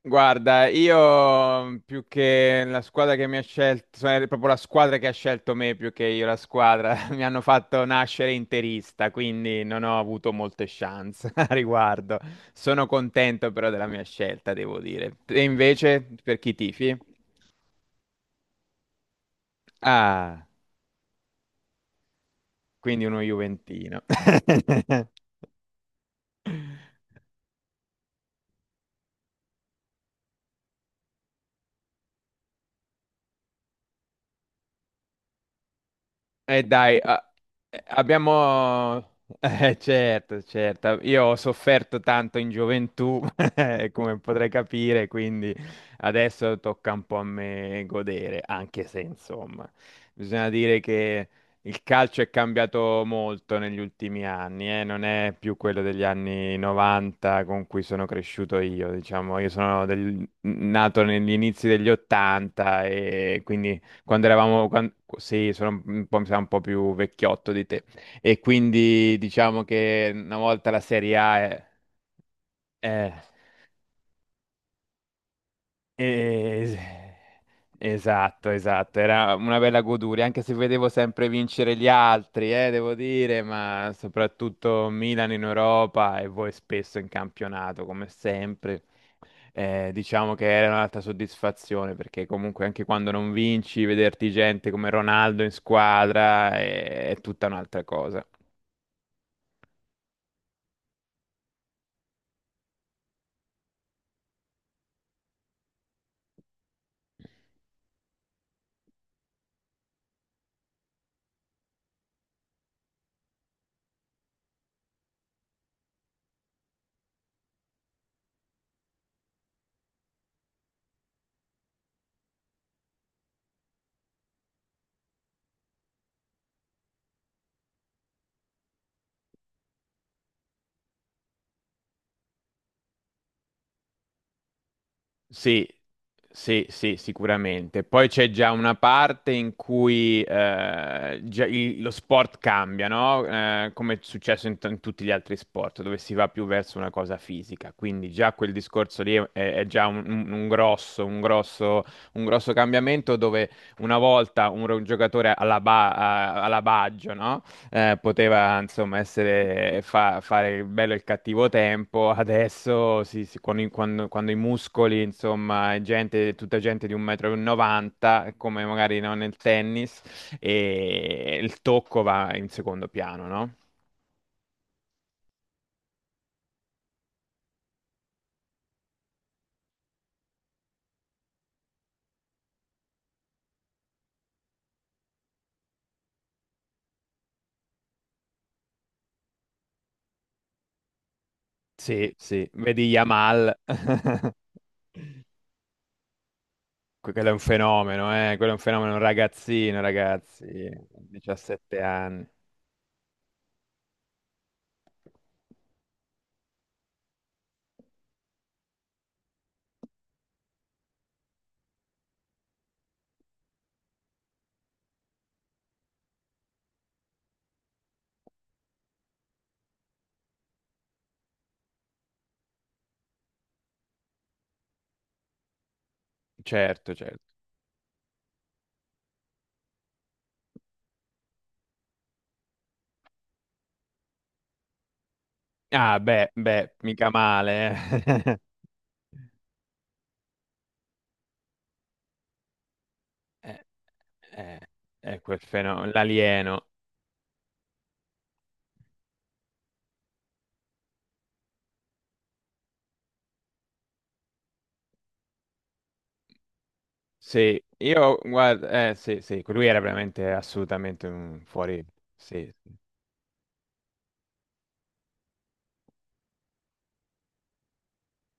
Guarda, io più che la squadra che mi ha scelto, cioè, è proprio la squadra che ha scelto me più che io la squadra, mi hanno fatto nascere interista, quindi non ho avuto molte chance a riguardo. Sono contento però della mia scelta, devo dire. E invece, per chi tifi? Ah, quindi uno Juventino. Dai, a- abbiamo... certo, certo, io ho sofferto tanto in gioventù, come potrai capire, quindi adesso tocca un po' a me godere, anche se insomma, bisogna dire che il calcio è cambiato molto negli ultimi anni, non è più quello degli anni 90 con cui sono cresciuto io, diciamo, io sono nato negli inizi degli 80 e quindi quando eravamo, sì, sono un po', mi sa un po' più vecchiotto di te. E quindi diciamo che una volta la Serie A è... eh, Es- Esatto, esatto, era una bella goduria, anche se vedevo sempre vincere gli altri, devo dire, ma soprattutto Milan in Europa e voi spesso in campionato, come sempre. Diciamo che era un'altra soddisfazione, perché comunque anche quando non vinci, vederti gente come Ronaldo in squadra è tutta un'altra cosa. Sì, sì, sì, sicuramente. Poi c'è già una parte in cui già lo sport cambia, no? Come è successo in tutti gli altri sport, dove si va più verso una cosa fisica. Quindi già quel discorso lì è già un, un grosso, un grosso cambiamento dove una volta un, giocatore alla Baggio, no? Poteva insomma fare il bello e il cattivo tempo, adesso con quando, quando i muscoli, insomma, è gente, tutta gente di 1,90 m, come magari no, nel tennis, e il tocco va in secondo piano, no? Sì, sì, vedi Yamal, quello è un fenomeno, quello è un fenomeno, un ragazzino, ragazzi, 17 anni, certo, certo. Ah, beh, beh, mica male, eh. Eh, eh, quel fenomeno, l'alieno. Sì, io guarda, sì, sì, lui era veramente assolutamente un fuori. Sì,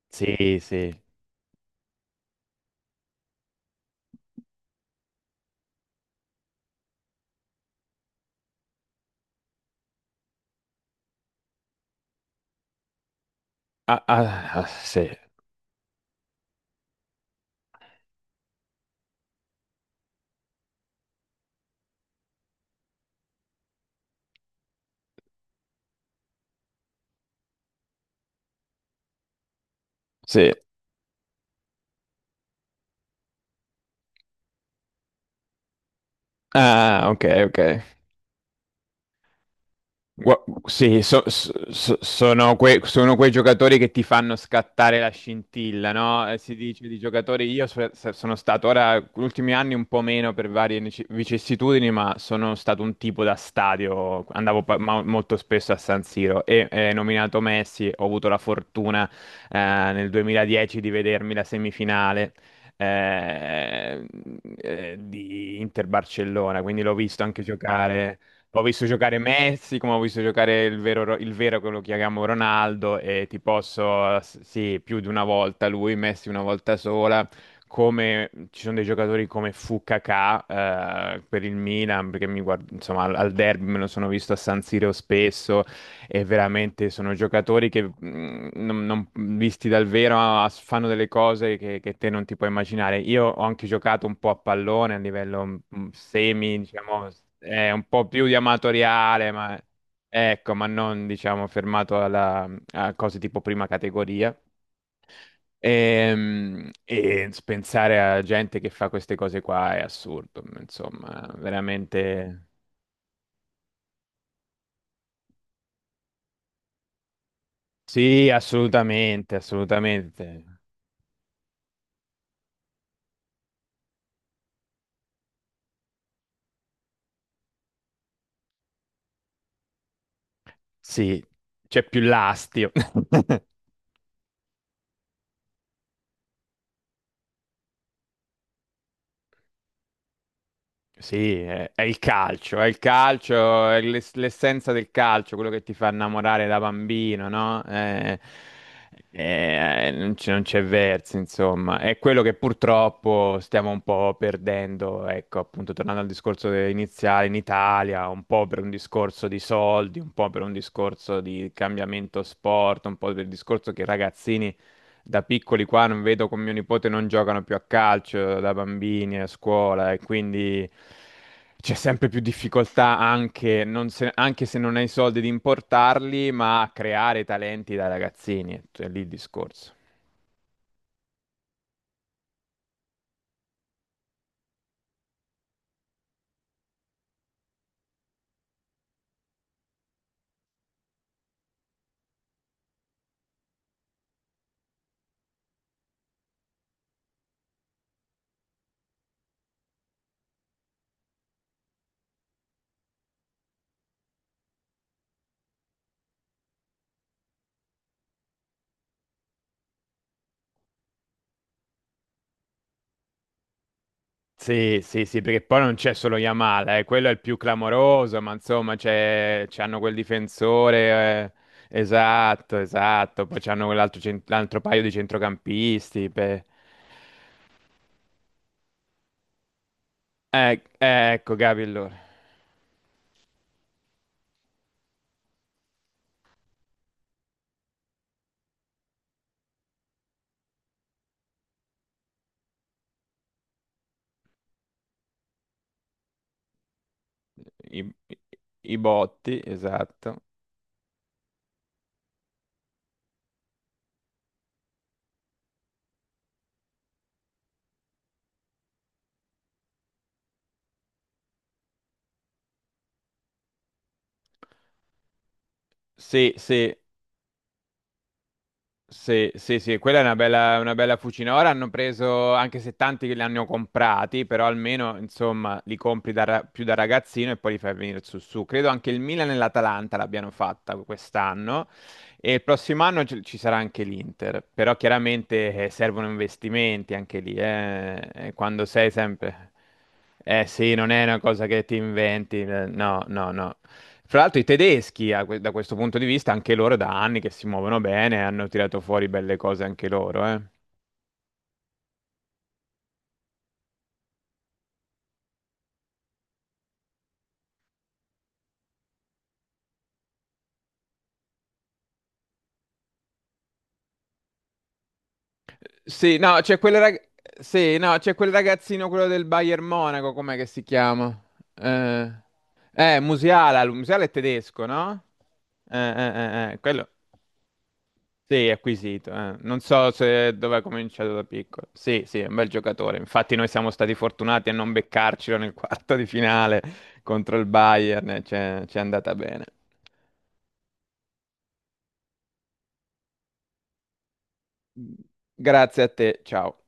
sì, sì. Ah, ah, ah, sì, sì. Ah, ok, ok. Gua- Sì, sono, sono quei giocatori che ti fanno scattare la scintilla, no? Si dice di giocatori, io sono stato ora, negli ultimi anni un po' meno per varie vicissitudini, ma sono stato un tipo da stadio, andavo molto spesso a San Siro e nominato Messi, ho avuto la fortuna nel 2010 di vedermi la semifinale eh, di Inter-Barcellona, quindi l'ho visto anche giocare. Ho visto giocare Messi, come ho visto giocare il vero, il vero che lo chiamiamo Ronaldo, e ti posso, sì, più di una volta lui, Messi una volta sola, come ci sono dei giocatori come Fu Kakà, per il Milan, perché mi guardo, insomma, al derby me lo sono visto a San Siro spesso, e veramente sono giocatori che visti dal vero ah, fanno delle cose che te non ti puoi immaginare. Io ho anche giocato un po' a pallone a livello semi, diciamo, un po' più di amatoriale, ma ecco, ma non diciamo fermato a cose tipo prima categoria. E, pensare a gente che fa queste cose qua è assurdo, insomma, veramente. Sì, assolutamente, assolutamente. Sì, c'è più l'astio. Sì, è il calcio, è il calcio, è l'essenza del calcio, quello che ti fa innamorare da bambino, no? Non c'è non c'è verso, insomma. È quello che purtroppo stiamo un po' perdendo, ecco, appunto, tornando al discorso iniziale in Italia, un po' per un discorso di soldi, un po' per un discorso di cambiamento sport, un po' per il discorso che i ragazzini da piccoli qua non vedo con mio nipote non giocano più a calcio da bambini a scuola e quindi c'è sempre più difficoltà anche, non se, anche se non hai i soldi di importarli, ma a creare talenti da ragazzini, è lì il discorso. Sì, sì, sì, perché poi non c'è solo Yamal, quello è il più clamoroso, ma insomma c'è, c'hanno quel difensore, esatto, esatto, poi c'hanno quell'altro l'altro paio di centrocampisti, beh. Ecco, Gavi, allora. I, i botti, esatto. Sì, sì, sì, sì, sì, quella è una bella fucina. Ora hanno preso, anche se tanti che li hanno comprati, però almeno, insomma, li compri più da ragazzino e poi li fai venire su su. Credo anche il Milan e l'Atalanta l'abbiano fatta quest'anno. E il prossimo anno ci sarà anche l'Inter, però chiaramente servono investimenti anche lì, eh. E quando sei sempre... Eh sì, non è una cosa che ti inventi, no, no, no. Fra l'altro i tedeschi, a da questo punto di vista, anche loro da anni che si muovono bene, hanno tirato fuori belle cose anche loro, eh. Sì, no, c'è quel rag- sì, no, c'è quel ragazzino, quello del Bayern Monaco, com'è che si chiama? Eh, Musiala, Musiala è tedesco, no? Quello, sì, è acquisito. Eh. Non so se dove ha cominciato da piccolo. Sì, sì, è un bel giocatore. Infatti noi siamo stati fortunati a non beccarcelo nel quarto di finale contro il Bayern, c'è ci è andata bene. Grazie a te, ciao.